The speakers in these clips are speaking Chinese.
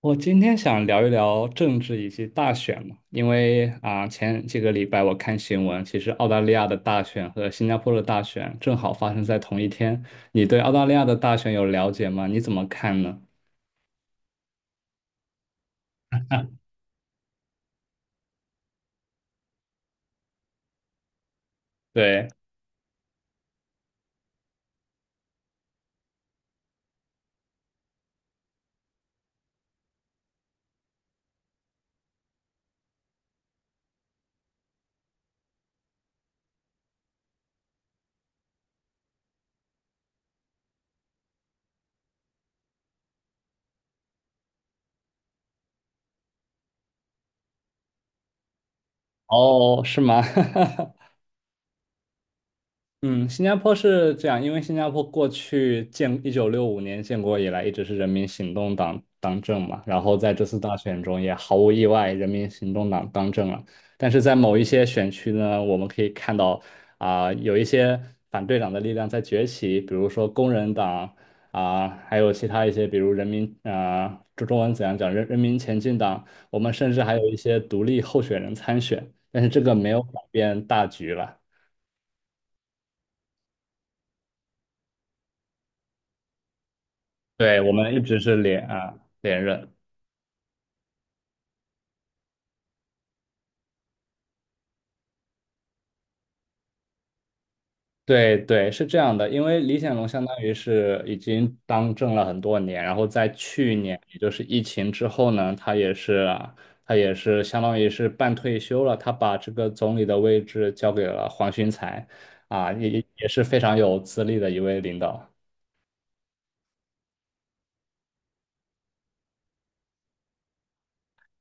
我今天想聊一聊政治以及大选嘛，因为啊、前几个礼拜我看新闻，其实澳大利亚的大选和新加坡的大选正好发生在同一天。你对澳大利亚的大选有了解吗？你怎么看呢？对，哦，是吗？嗯，新加坡是这样，因为新加坡过去建1965年建国以来，一直是人民行动党当政嘛，然后在这次大选中也毫无意外，人民行动党当政了。但是在某一些选区呢，我们可以看到啊、有一些反对党的力量在崛起，比如说工人党啊、还有其他一些，比如人民啊、这中文怎样讲，人人民前进党，我们甚至还有一些独立候选人参选，但是这个没有改变大局了。对，我们一直是连任，对对是这样的，因为李显龙相当于是已经当政了很多年，然后在去年，也就是疫情之后呢，他也是相当于是半退休了，他把这个总理的位置交给了黄循财，啊，也也是非常有资历的一位领导。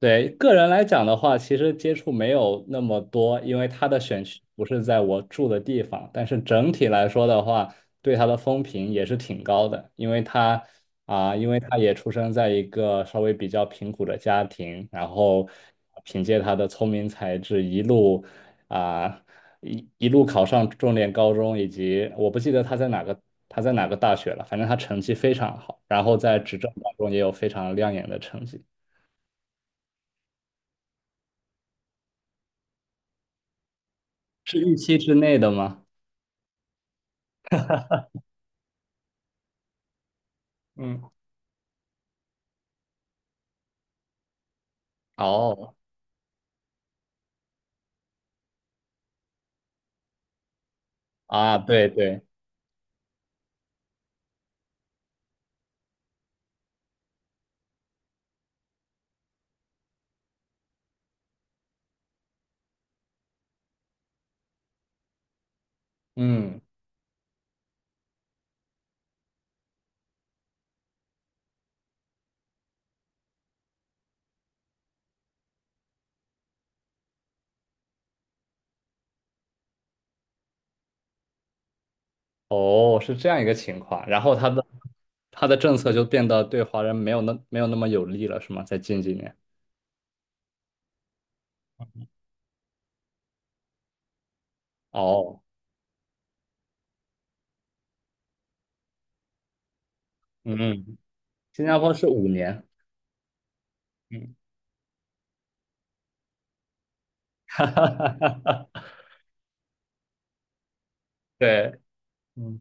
对，个人来讲的话，其实接触没有那么多，因为他的选区不是在我住的地方。但是整体来说的话，对他的风评也是挺高的，因为他啊，因为他也出生在一个稍微比较贫苦的家庭，然后凭借他的聪明才智，啊一路考上重点高中，以及我不记得他在哪个大学了，反正他成绩非常好，然后在执政当中也有非常亮眼的成绩。是预期之内的吗？嗯，哦，啊，对对，嗯，哦，是这样一个情况。然后他的他的政策就变得对华人没有那么有利了，是吗？在近几年。哦，嗯，新加坡是五年。嗯哈 哈哈哈哈，对，嗯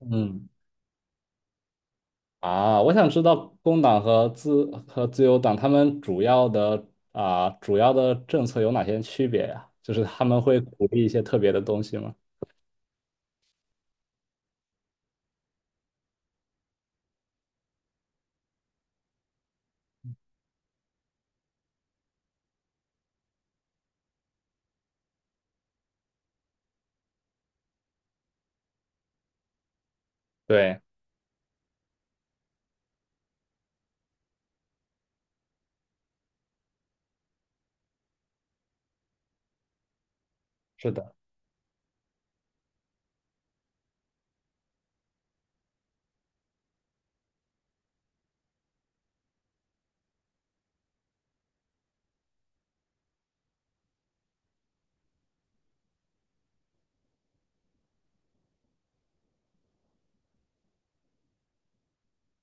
嗯，啊，我想知道工党和自由党他们主要的政策有哪些区别呀？就是他们会鼓励一些特别的东西吗？对，是的。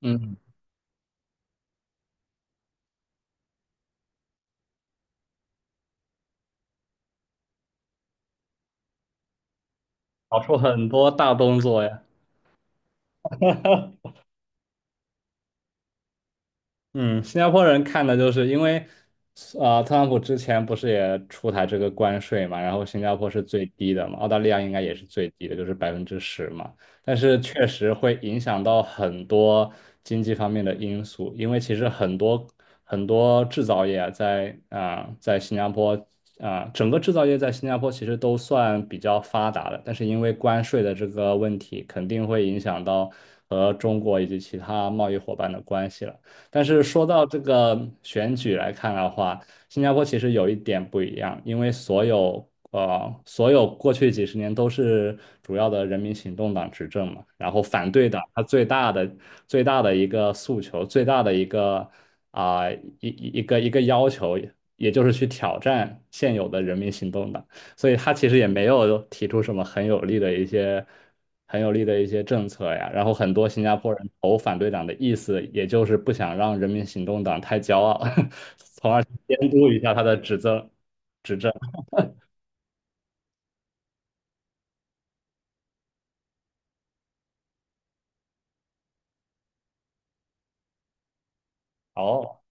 嗯，搞出很多大动作呀。嗯，新加坡人看的就是因为，特朗普之前不是也出台这个关税嘛，然后新加坡是最低的嘛，澳大利亚应该也是最低的，就是10%嘛。但是确实会影响到很多经济方面的因素，因为其实很多很多制造业啊在啊、在新加坡啊、整个制造业在新加坡其实都算比较发达的，但是因为关税的这个问题，肯定会影响到和中国以及其他贸易伙伴的关系了。但是说到这个选举来看的话，新加坡其实有一点不一样，因为所有过去几十年都是主要的人民行动党执政嘛，然后反对党它最大的一个诉求，最大的一个啊、一一个要求，也就是去挑战现有的人民行动党。所以他其实也没有提出什么很有力的一些很有力的一些政策呀。然后很多新加坡人投反对党的意思，也就是不想让人民行动党太骄傲，从而监督一下他的执政。哦，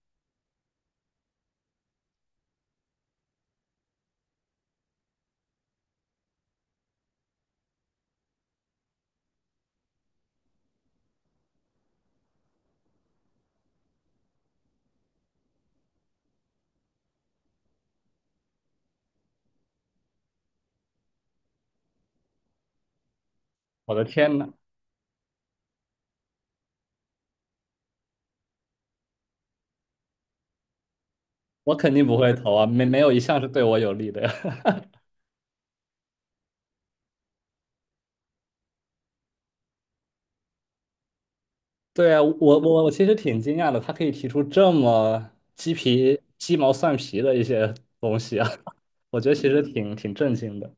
我的天呐，我肯定不会投啊，没有一项是对我有利的呀。对啊，我其实挺惊讶的，他可以提出这么鸡皮鸡毛蒜皮的一些东西啊，我觉得其实挺震惊的。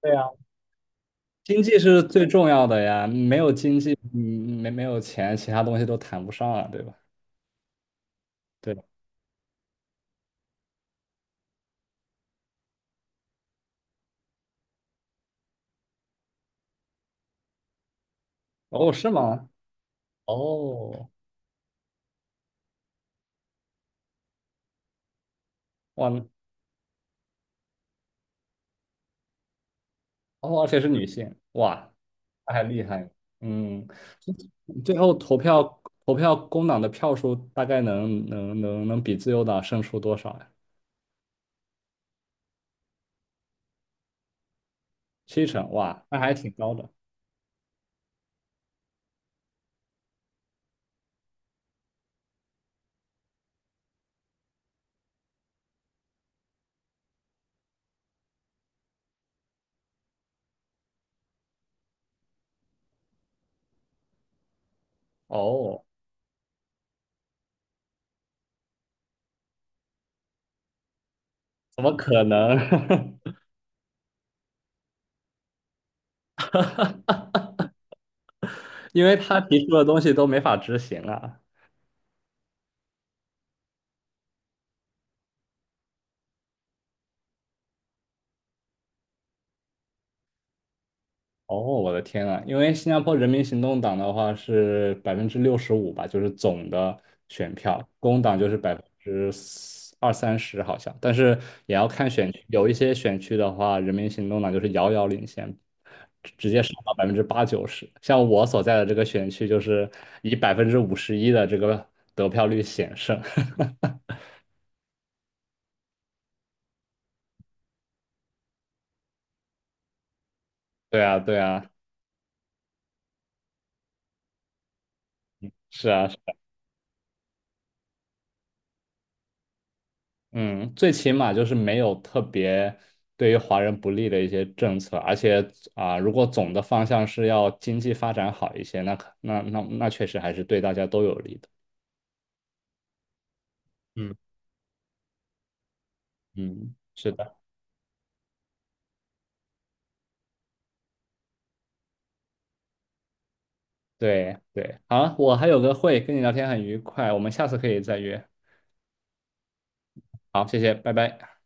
对呀。经济是最重要的呀，没有经济，嗯，没没有钱，其他东西都谈不上啊，对吧？对吧？哦，是吗？哦，哇，哦，而且是女性，哇，那还厉害。嗯，最后投票工党的票数大概能比自由党胜出多少呀？七成，哇，那还挺高的。哦，怎么可能？因为他提出的东西都没法执行啊。哦，我的天啊！因为新加坡人民行动党的话是65%吧，就是总的选票，工党就是20%到30%好像，但是也要看选区，有一些选区的话，人民行动党就是遥遥领先，直接上到80%到90%。像我所在的这个选区，就是以51%的这个得票率险胜。对啊，对啊，是啊。嗯，最起码就是没有特别对于华人不利的一些政策，而且啊、如果总的方向是要经济发展好一些，那可那那那确实还是对大家都有利的。嗯，嗯，是的，对对。好，我还有个会，跟你聊天很愉快，我们下次可以再约。好，谢谢，拜拜。